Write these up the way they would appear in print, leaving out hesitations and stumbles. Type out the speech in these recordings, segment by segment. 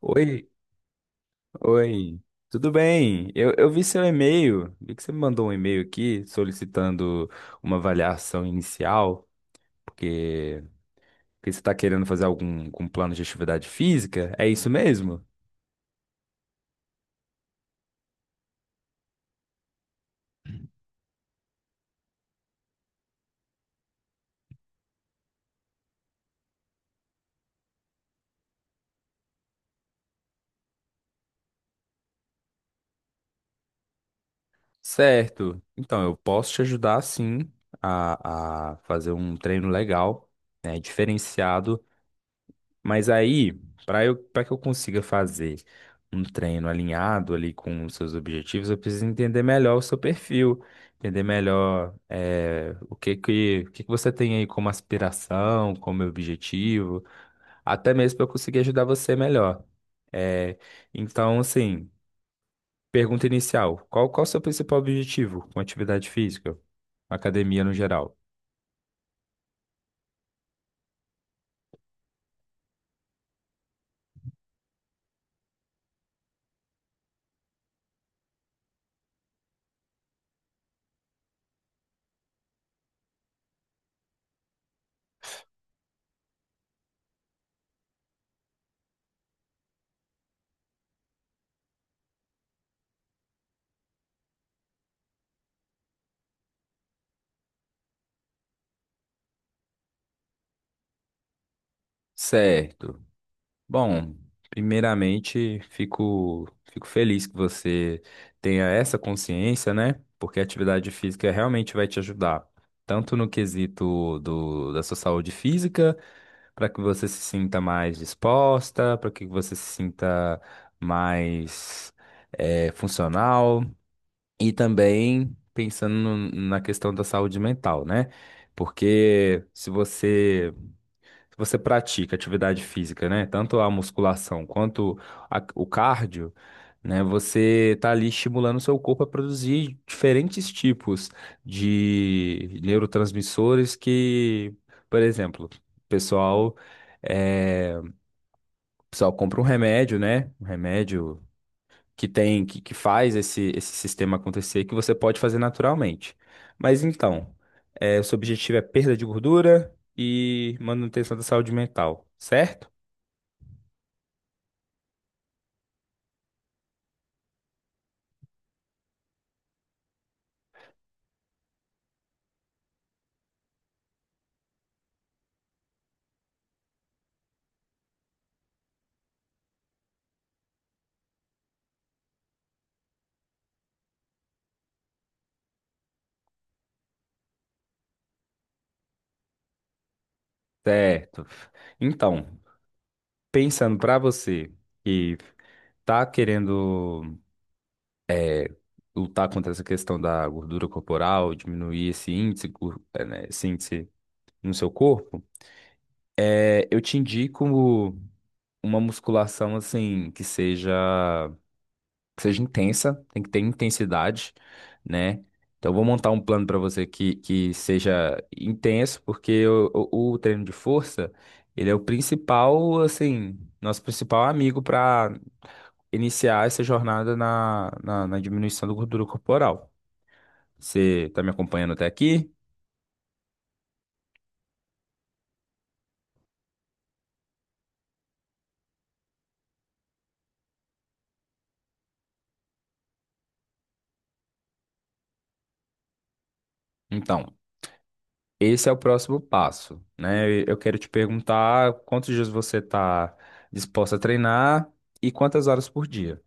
Oi, oi, tudo bem? Eu vi seu e-mail, vi que você me mandou um e-mail aqui solicitando uma avaliação inicial, porque, porque você está querendo fazer algum plano de atividade física, é isso mesmo? Certo, então eu posso te ajudar sim a fazer um treino legal, né, diferenciado. Mas aí, para que eu consiga fazer um treino alinhado ali com os seus objetivos, eu preciso entender melhor o seu perfil, entender melhor o que que você tem aí como aspiração, como objetivo, até mesmo para eu conseguir ajudar você melhor. Eh, então, assim, pergunta inicial: qual o seu principal objetivo com atividade física, academia no geral? Certo. Bom, primeiramente, fico feliz que você tenha essa consciência, né? Porque a atividade física realmente vai te ajudar, tanto no quesito da sua saúde física, para que você se sinta mais disposta, para que você se sinta mais funcional, e também pensando no- na questão da saúde mental, né? Porque se você pratica atividade física, né? Tanto a musculação quanto o cardio, né? Você está ali estimulando o seu corpo a produzir diferentes tipos de neurotransmissores que, por exemplo, o pessoal compra um remédio, né? Um remédio que faz esse sistema acontecer que você pode fazer naturalmente. Mas então, é, o seu objetivo é perda de gordura e manutenção da saúde mental, certo? Certo. Então, pensando para você que tá querendo lutar contra essa questão da gordura corporal, diminuir esse índice, esse índice no seu corpo, eu te indico uma musculação assim que seja intensa, tem que ter intensidade, né? Então, eu vou montar um plano para você que seja intenso, porque o treino de força, ele é o principal, assim, nosso principal amigo para iniciar essa jornada na diminuição da gordura corporal. Você está me acompanhando até aqui? Então, esse é o próximo passo, né? Eu quero te perguntar quantos dias você está disposto a treinar e quantas horas por dia,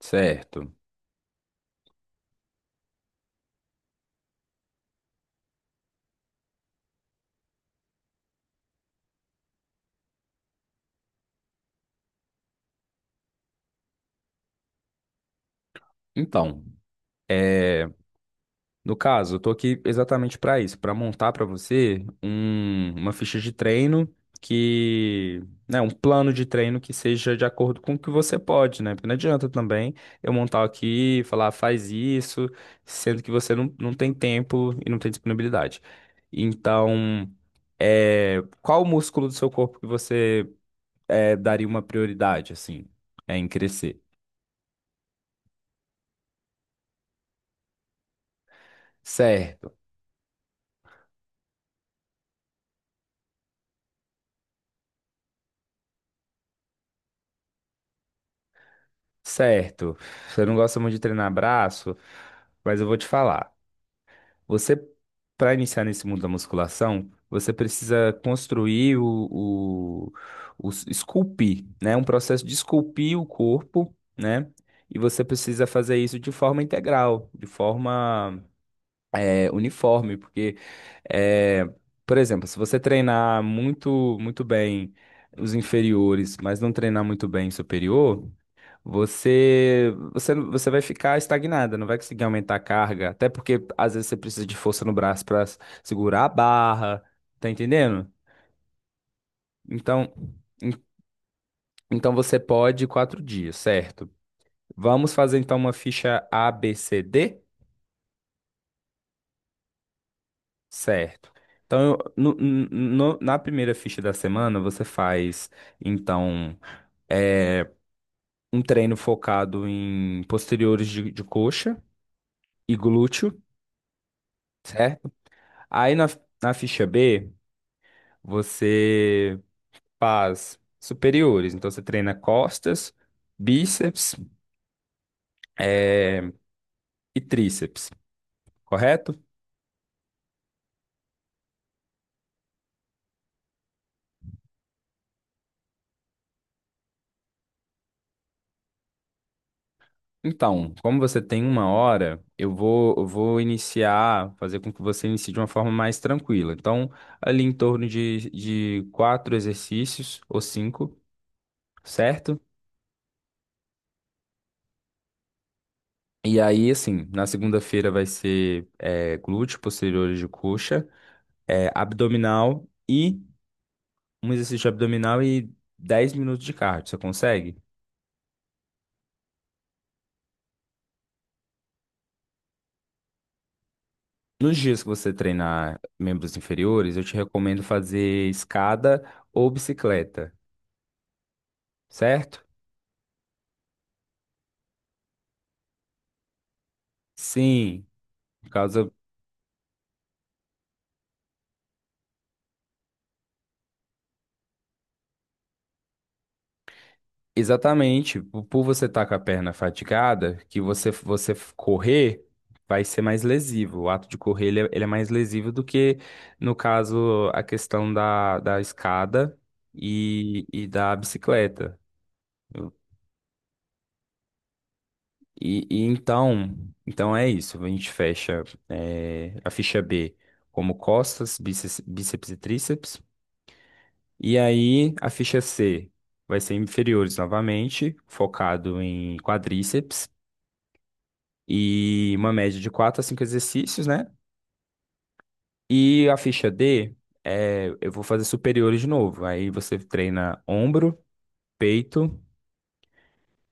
certo? Então, é, no caso, eu tô aqui exatamente para isso, para montar para você uma ficha de treino que, né, um plano de treino que seja de acordo com o que você pode, né? Porque não adianta também eu montar aqui e falar, "Ah, faz isso", sendo que você não, não tem tempo e não tem disponibilidade. Então, é, qual o músculo do seu corpo que você daria uma prioridade, assim, em crescer? Certo. Certo, você não gosta muito de treinar braço, mas eu vou te falar. Você, para iniciar nesse mundo da musculação, você precisa construir esculpir, né? Um processo de esculpir o corpo, né? E você precisa fazer isso de forma integral, de forma uniforme, porque, eh, por exemplo, se você treinar muito, muito bem os inferiores, mas não treinar muito bem o superior, você vai ficar estagnada, não vai conseguir aumentar a carga. Até porque às vezes você precisa de força no braço para segurar a barra, tá entendendo? Então, en- então você pode 4 dias, certo? Vamos fazer então uma ficha A, B, C, D, certo? Então, na primeira ficha da semana, você faz, então, é, um treino focado em posteriores de coxa e glúteo, certo? Aí na, na ficha B, você faz superiores. Então, você treina costas, bíceps, eh, e tríceps, correto? Então, como você tem uma hora, eu vou iniciar, fazer com que você inicie de uma forma mais tranquila. Então, ali em torno de quatro exercícios ou cinco, certo? E aí, assim, na segunda-feira vai ser glúteo, posteriores de coxa, eh, abdominal. E um exercício abdominal e 10 minutos de cardio. Você consegue? Nos dias que você treinar membros inferiores, eu te recomendo fazer escada ou bicicleta, certo? Sim, por causa, exatamente por você estar com a perna fatigada, que você correr vai ser mais lesivo. O ato de correr, ele é mais lesivo do que no caso a questão da escada e da bicicleta. E então é isso. A gente fecha a ficha B como costas, bíceps e tríceps. E aí a ficha C vai ser inferiores novamente, focado em quadríceps e uma média de 4 a 5 exercícios, né? E a ficha D, eu vou fazer superiores de novo. Aí você treina ombro, peito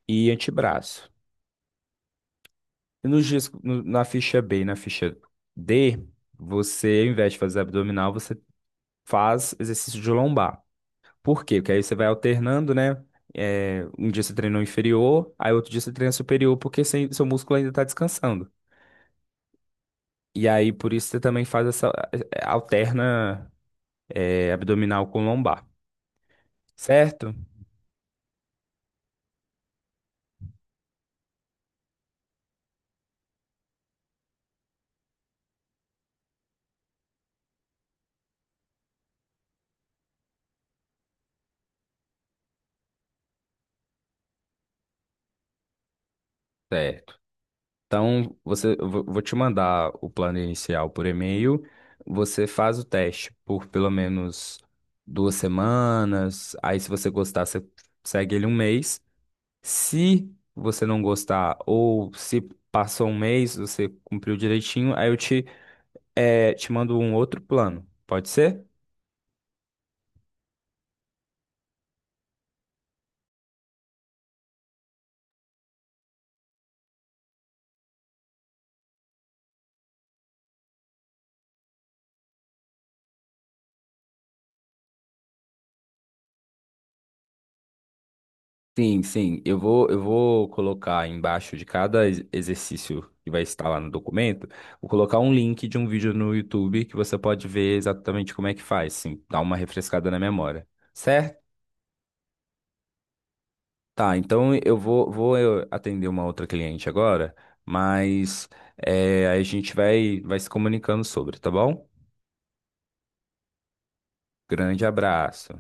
e antebraço. E nos dias, na ficha B e na ficha D, você, ao invés de fazer abdominal, você faz exercício de lombar. Por quê? Porque aí você vai alternando, né? É, um dia você treinou inferior, aí outro dia você treina superior, porque seu músculo ainda está descansando. E aí, por isso, você também faz essa, abdominal com lombar, certo? Certo. Então, você, eu vou te mandar o plano inicial por e-mail. Você faz o teste por pelo menos 2 semanas. Aí, se você gostar, você segue ele um mês. Se você não gostar ou se passou um mês, você cumpriu direitinho, aí eu te mando um outro plano. Pode ser? Sim, sim. Eu vou colocar embaixo de cada exercício que vai estar lá no documento, vou colocar um link de um vídeo no YouTube que você pode ver exatamente como é que faz, sim, dar uma refrescada na memória. Certo? Tá, então vou eu atender uma outra cliente agora, mas aí a gente vai se comunicando sobre, tá bom? Grande abraço.